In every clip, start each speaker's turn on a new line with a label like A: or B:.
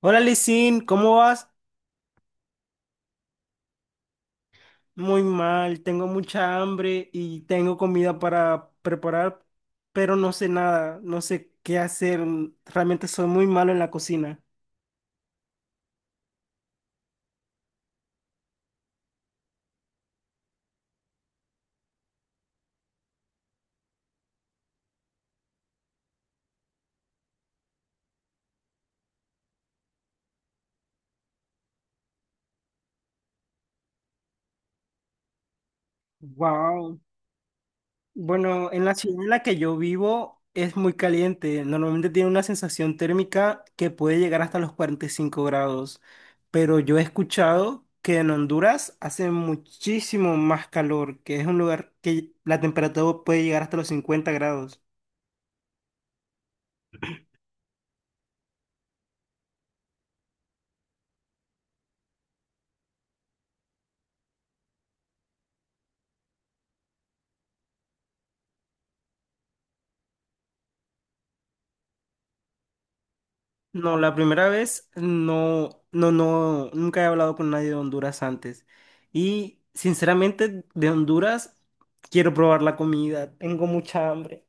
A: Hola Lisin, ¿cómo vas? Muy mal, tengo mucha hambre y tengo comida para preparar, pero no sé nada, no sé qué hacer. Realmente soy muy malo en la cocina. Wow. Bueno, en la ciudad en la que yo vivo es muy caliente. Normalmente tiene una sensación térmica que puede llegar hasta los 45 grados, pero yo he escuchado que en Honduras hace muchísimo más calor, que es un lugar que la temperatura puede llegar hasta los 50 grados. No, la primera vez no, no, no, nunca he hablado con nadie de Honduras antes. Y sinceramente, de Honduras quiero probar la comida, tengo mucha hambre.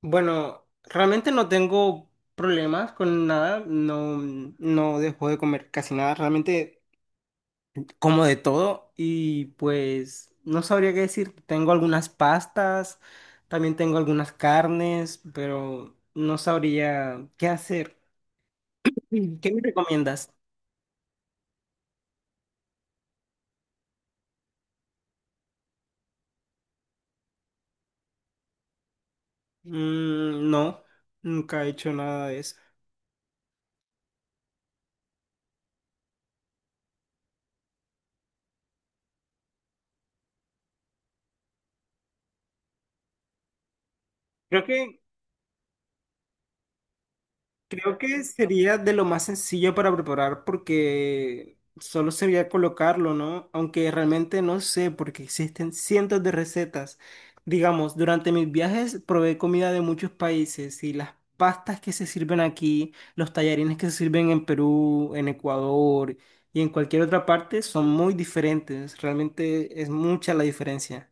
A: Bueno, realmente no tengo problemas con nada, no, no dejo de comer casi nada, realmente como de todo y pues no sabría qué decir. Tengo algunas pastas, también tengo algunas carnes, pero no sabría qué hacer. ¿Qué me recomiendas? Mm, no, nunca he hecho nada de eso. Creo que, Creo que sería de lo más sencillo para preparar porque solo sería colocarlo, ¿no? Aunque realmente no sé porque existen cientos de recetas. Digamos, durante mis viajes probé comida de muchos países y las pastas que se sirven aquí, los tallarines que se sirven en Perú, en Ecuador y en cualquier otra parte son muy diferentes. Realmente es mucha la diferencia.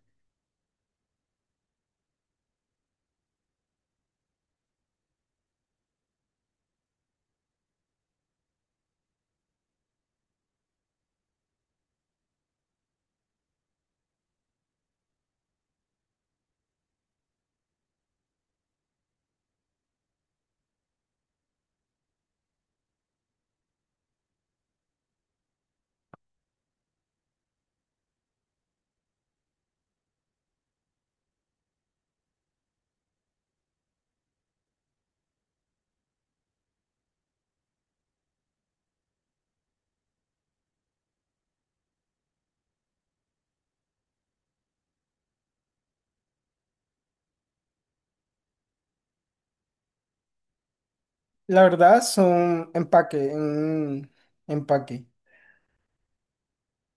A: La verdad son empaque, en empaque.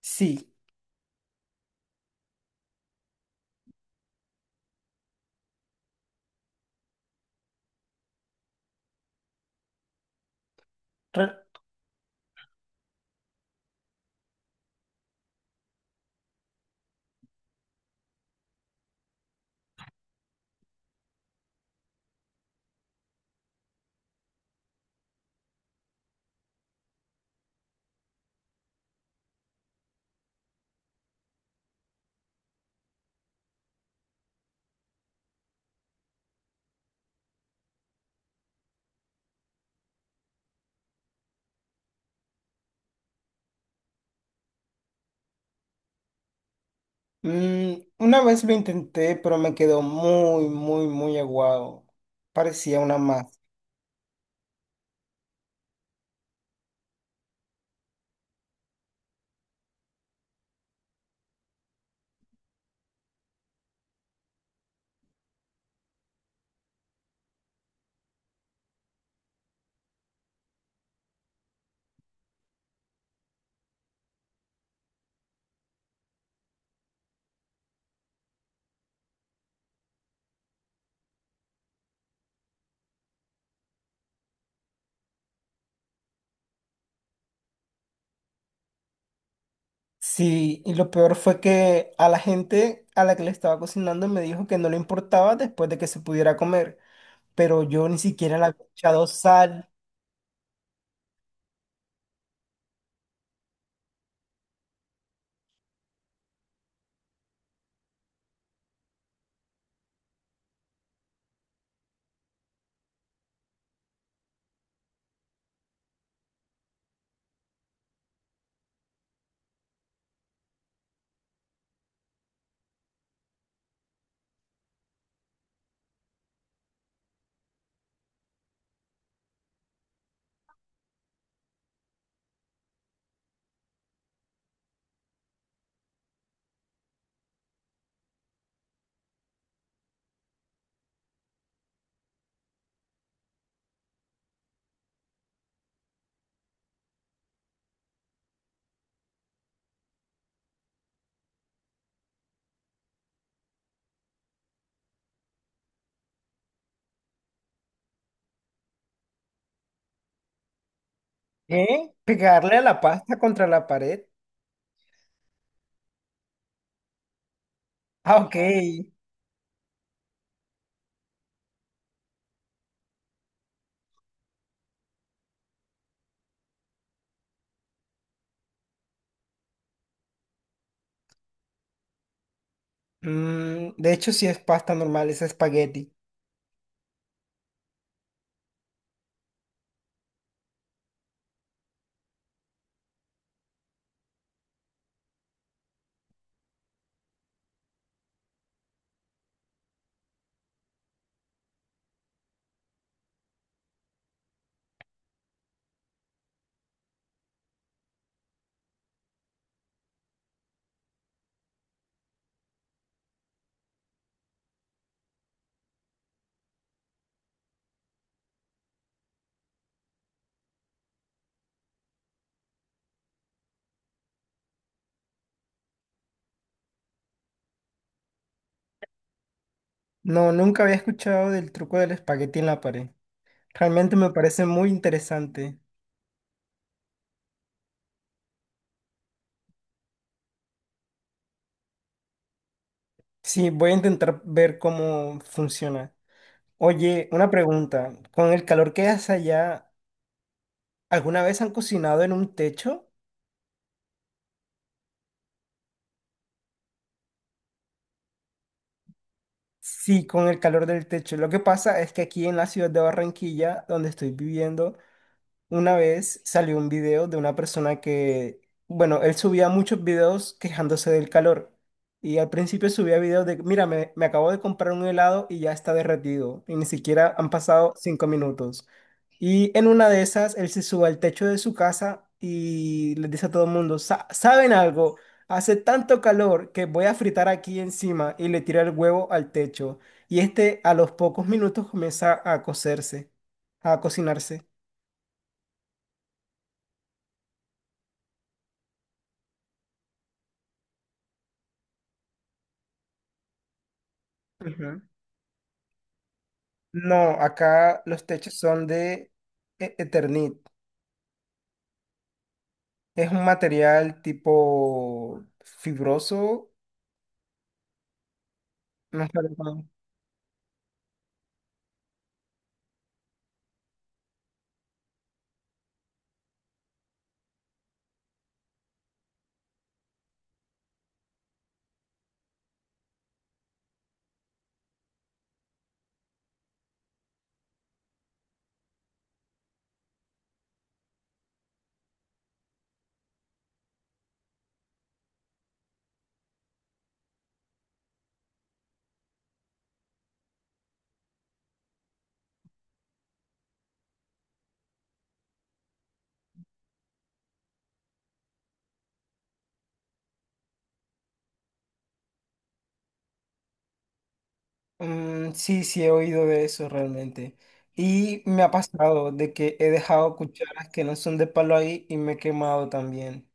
A: Sí. re- mm, una vez lo intenté, pero me quedó muy, muy, muy aguado. Parecía una masa. Sí, y lo peor fue que a la gente a la que le estaba cocinando me dijo que no le importaba después de que se pudiera comer, pero yo ni siquiera le había echado sal. ¿Eh? Pegarle a la pasta contra la pared. Ah, ok. De hecho, sí es pasta normal, es espagueti. No, nunca había escuchado del truco del espagueti en la pared. Realmente me parece muy interesante. Sí, voy a intentar ver cómo funciona. Oye, una pregunta. ¿Con el calor que hace allá, alguna vez han cocinado en un techo? Sí, con el calor del techo. Lo que pasa es que aquí en la ciudad de Barranquilla, donde estoy viviendo, una vez salió un video de una persona que, bueno, él subía muchos videos quejándose del calor. Y al principio subía videos de, mira, me acabo de comprar un helado y ya está derretido. Y ni siquiera han pasado 5 minutos. Y en una de esas, él se sube al techo de su casa y les dice a todo el mundo, "Sa- ¿saben algo? Hace tanto calor que voy a fritar aquí encima" y le tira el huevo al techo. Y este a los pocos minutos comienza a cocerse, a cocinarse. Ujú. No, acá los techos son de e- Eternit. Es un material tipo fibroso. No sé cómo- sí, sí, he oído de eso realmente. Y me ha pasado de que he dejado cucharas que no son de palo ahí y me he quemado también.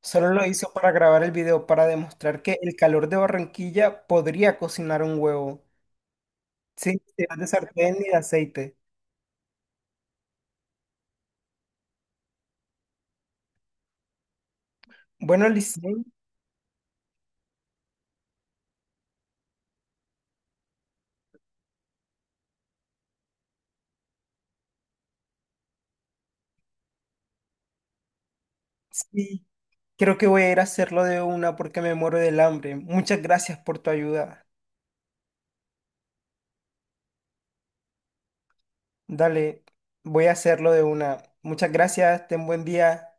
A: Solo lo hice para grabar el video para demostrar que el calor de Barranquilla podría cocinar un huevo sin necesidad de sartén ni de aceite. Bueno, Licen, sí. Creo que voy a ir a hacerlo de una porque me muero del hambre. Muchas gracias por tu ayuda. Dale, voy a hacerlo de una. Muchas gracias, ten buen día.